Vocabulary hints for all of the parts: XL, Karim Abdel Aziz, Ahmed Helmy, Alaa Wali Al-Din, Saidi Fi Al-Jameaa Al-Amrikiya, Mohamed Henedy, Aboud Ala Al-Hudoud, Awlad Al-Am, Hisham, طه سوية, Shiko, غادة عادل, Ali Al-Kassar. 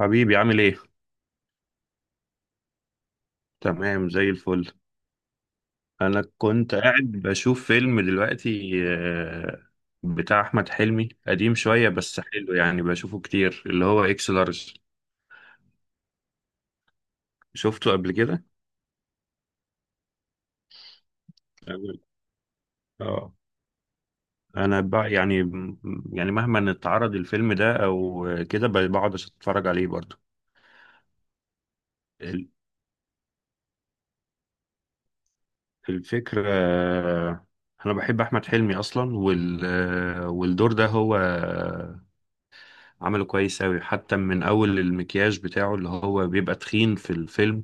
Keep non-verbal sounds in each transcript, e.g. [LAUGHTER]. حبيبي عامل ايه؟ تمام زي الفل. انا كنت قاعد بشوف فيلم دلوقتي، بتاع احمد حلمي، قديم شوية بس حلو يعني، بشوفه كتير، اللي هو اكس لارج. شفته قبل كده؟ أول. اه، انا بقى يعني، يعني مهما اتعرض الفيلم ده او كده، بقعد اتفرج عليه برضو. ال- الفكرة. انا بحب احمد حلمي اصلا، والدور ده هو عمله كويس أوي، حتى من أول المكياج بتاعه اللي هو بيبقى تخين في الفيلم،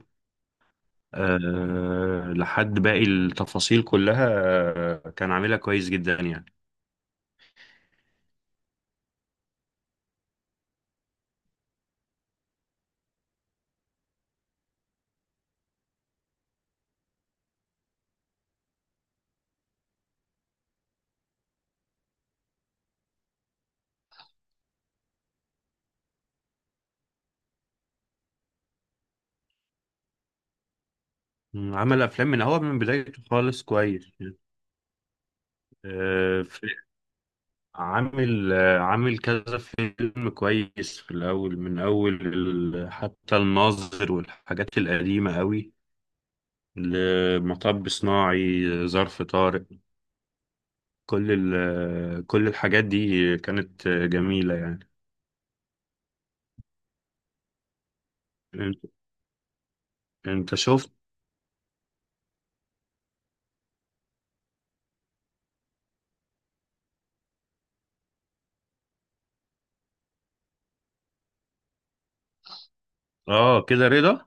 أه، لحد باقي التفاصيل كلها. كان عاملها كويس جدا يعني. مم، عمل أفلام من هو من بدايته خالص كويس. أه في- عامل عامل كذا فيلم كويس في الأول، من أول حتى الناظر والحاجات القديمة أوي، لمطب صناعي، ظرف طارق، كل الحاجات دي كانت جميلة يعني. انت انت شفت. اه كده رضا.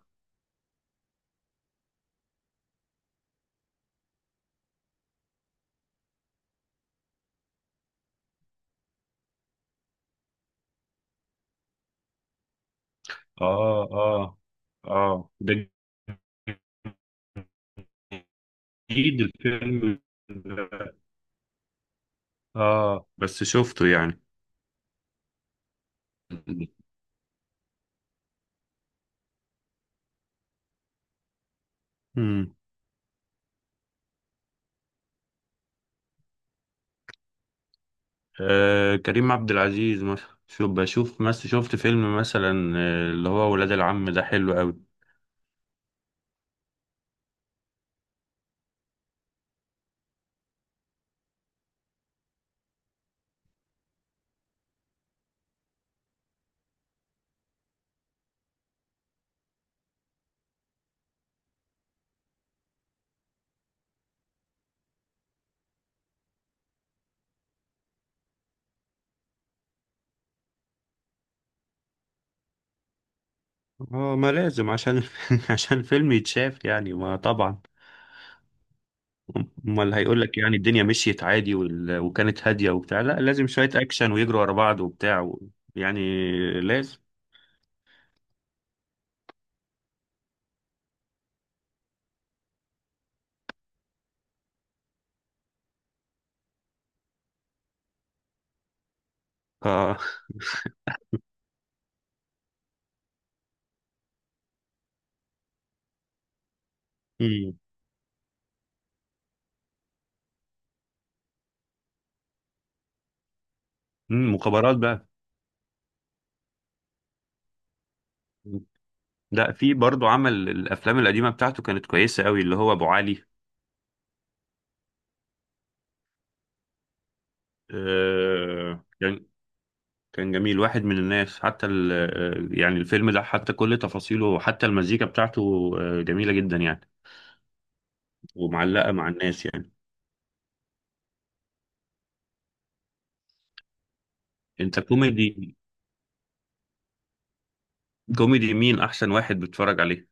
اه، اه، اه ده جديد الفيلم ده. اه بس شفته يعني. امم. آه، كريم عبد العزيز مثلا، شوف، بشوف مثلا، شفت فيلم مثلا، اللي هو ولاد العم ده، حلو قوي. اه، ما لازم، عشان [LAUGHS] عشان فيلم يتشاف يعني، ما طبعا. امال هيقول لك يعني الدنيا مشيت عادي وكانت هاديه وبتاع، لا، لازم شويه اكشن ويجروا ورا بعض وبتاع و... يعني لازم. ف... [LAUGHS] مم. مم، مخابرات بقى. لا، في برضو، عمل الافلام القديمه بتاعته كانت كويسه قوي، اللي هو ابو علي. آه... كان كان جميل، واحد من الناس، حتى ال... آه، يعني الفيلم ده حتى كل تفاصيله، وحتى المزيكا بتاعته جميله جدا يعني، ومعلقه مع الناس يعني. انت كوميدي. كوميدي مين احسن واحد بتتفرج عليه؟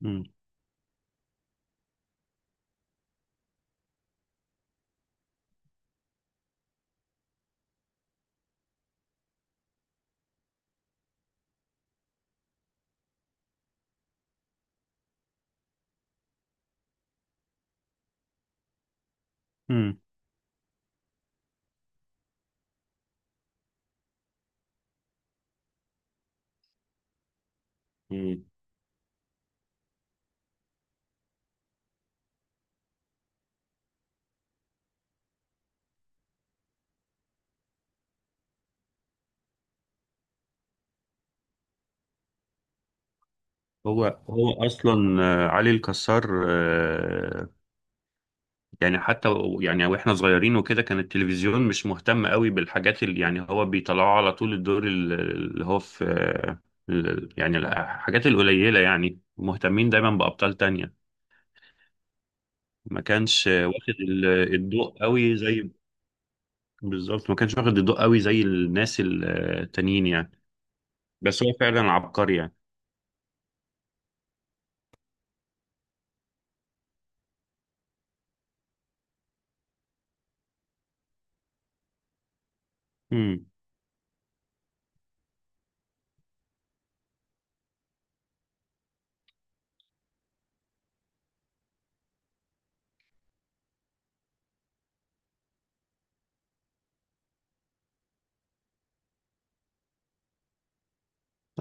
مم. مم. مم. هو اصلا علي الكسار، يعني حتى يعني واحنا صغيرين وكده، كان التلفزيون مش مهتم قوي بالحاجات اللي يعني هو بيطلعوا على طول، الدور اللي هو في، يعني الحاجات القليلة، يعني مهتمين دايما بأبطال تانية. ما كانش واخد الضوء قوي زي، بالظبط، ما كانش واخد الضوء قوي زي الناس التانيين يعني. بس هو فعلا عبقري يعني. امم.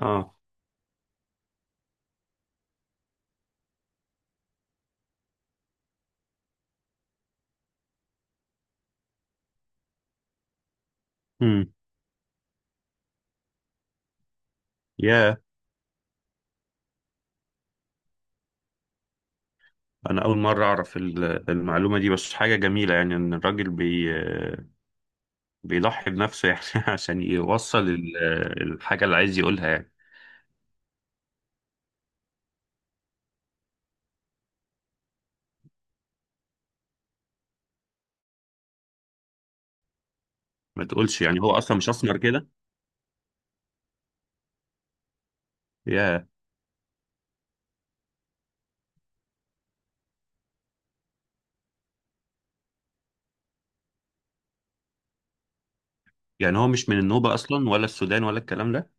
اه. امم. انا اول مره اعرف المعلومه دي، بس حاجه جميله يعني، ان الراجل بيضحي بنفسه يعني [LAUGHS] عشان يوصل الحاجه اللي عايز يقولها يعني. ما تقولش يعني هو اصلا مش اسمر كده! يا. يعني هو مش من النوبه اصلا، ولا السودان ولا الكلام ده؟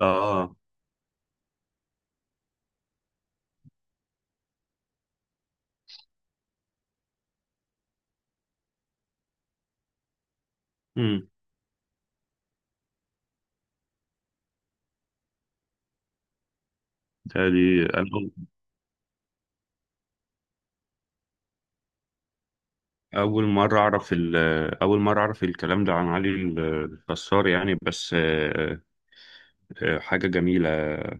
اه. امم. تالي. انا أول. أول مرة أعرف أول مرة أعرف الكلام ده عن علي الكسار يعني، بس حاجة جميلة،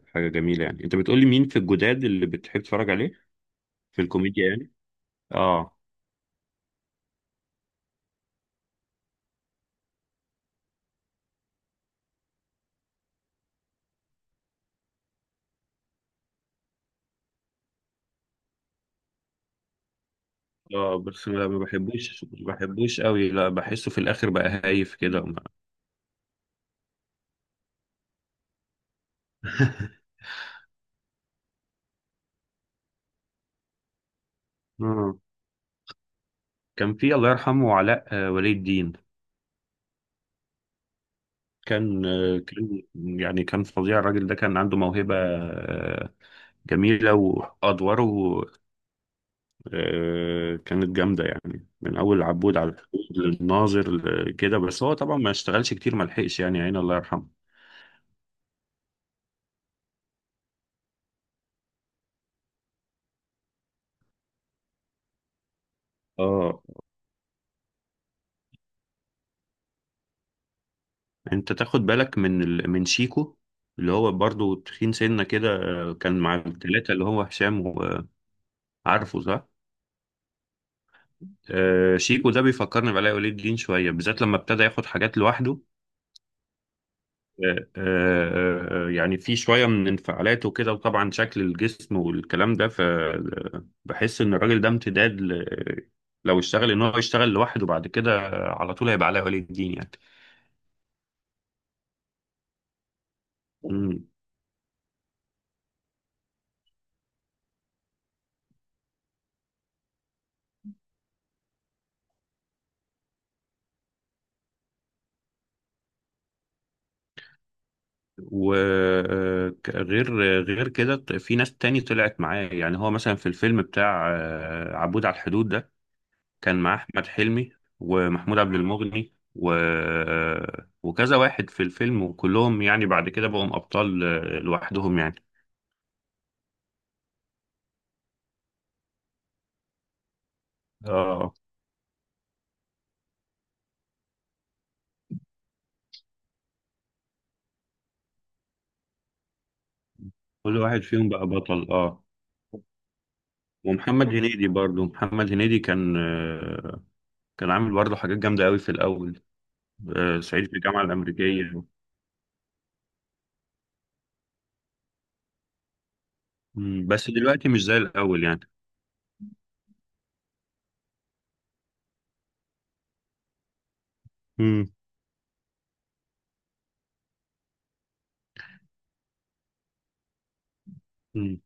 حاجة جميلة يعني. أنت بتقولي مين في الجداد اللي بتحب تتفرج عليه في الكوميديا يعني؟ اه. اه بس ما بحبوش، ما بحبوش قوي، لا، بحسه في الاخر بقى هايف كده وما- [LAUGHS] آه. كان في، الله يرحمه، علاء، ولي الدين، كان كان فظيع، الراجل ده كان عنده موهبة جميلة، وأدواره كانت جامدة يعني، من أول العبود على الحدود، للناظر، كده، بس هو طبعا ما اشتغلش كتير، ما لحقش يعني عين، الله يرحمه. اه. انت تاخد بالك من من شيكو، اللي هو برضو تخين سنة كده؟ كان مع الثلاثة، اللي هو هشام، وعارفه صح؟ شيكو ده بيفكرني بعلاء ولي الدين شوية، بالذات لما ابتدى ياخد حاجات لوحده. يعني في شوية من انفعالاته كده، وطبعا شكل الجسم والكلام ده، فبحس إن الراجل ده امتداد ل... لو اشتغل، إن هو يشتغل لوحده بعد كده، على طول هيبقى علاء ولي الدين يعني. مم. وغير غير كده، في ناس تاني طلعت معاه، يعني هو مثلا في الفيلم بتاع عبود على الحدود ده، كان معاه أحمد حلمي ومحمود عبد المغني و... وكذا واحد في الفيلم، وكلهم يعني بعد كده بقوا أبطال لوحدهم يعني. اه، كل واحد فيهم بقى بطل، اه. ومحمد هنيدي برضو، محمد هنيدي كان كان عامل برضو حاجات جامدة قوي في الأول، صعيدي في الجامعة الأمريكية. مم، بس دلوقتي مش زي الأول يعني. مم.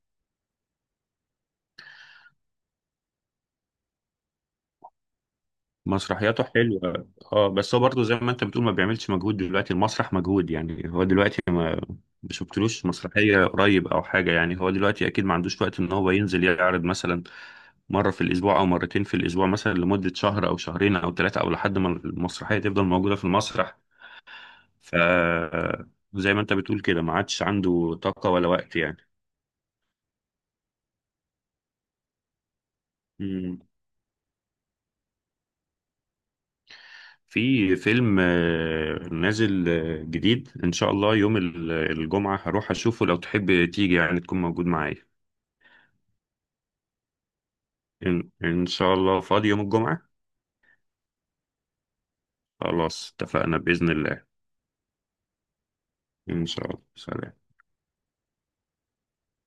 مسرحياته حلوة. اه بس هو برضه زي ما انت بتقول، ما بيعملش مجهود دلوقتي، المسرح مجهود يعني، هو دلوقتي ما شفتلوش مسرحية قريب او حاجة، يعني هو دلوقتي اكيد ما عندوش وقت ان هو ينزل يعرض مثلا مرة في الاسبوع او مرتين في الاسبوع مثلا، لمدة شهر او شهرين او ثلاثة، او لحد ما المسرحية تفضل موجودة في المسرح. ف زي ما انت بتقول كده، ما عادش عنده طاقة ولا وقت يعني. مم. في فيلم نازل جديد، ان شاء الله يوم الجمعة هروح اشوفه، لو تحب تيجي يعني تكون موجود معايا. إن شاء الله فاضي يوم الجمعة؟ خلاص، اتفقنا بإذن الله. ان شاء الله، سلام.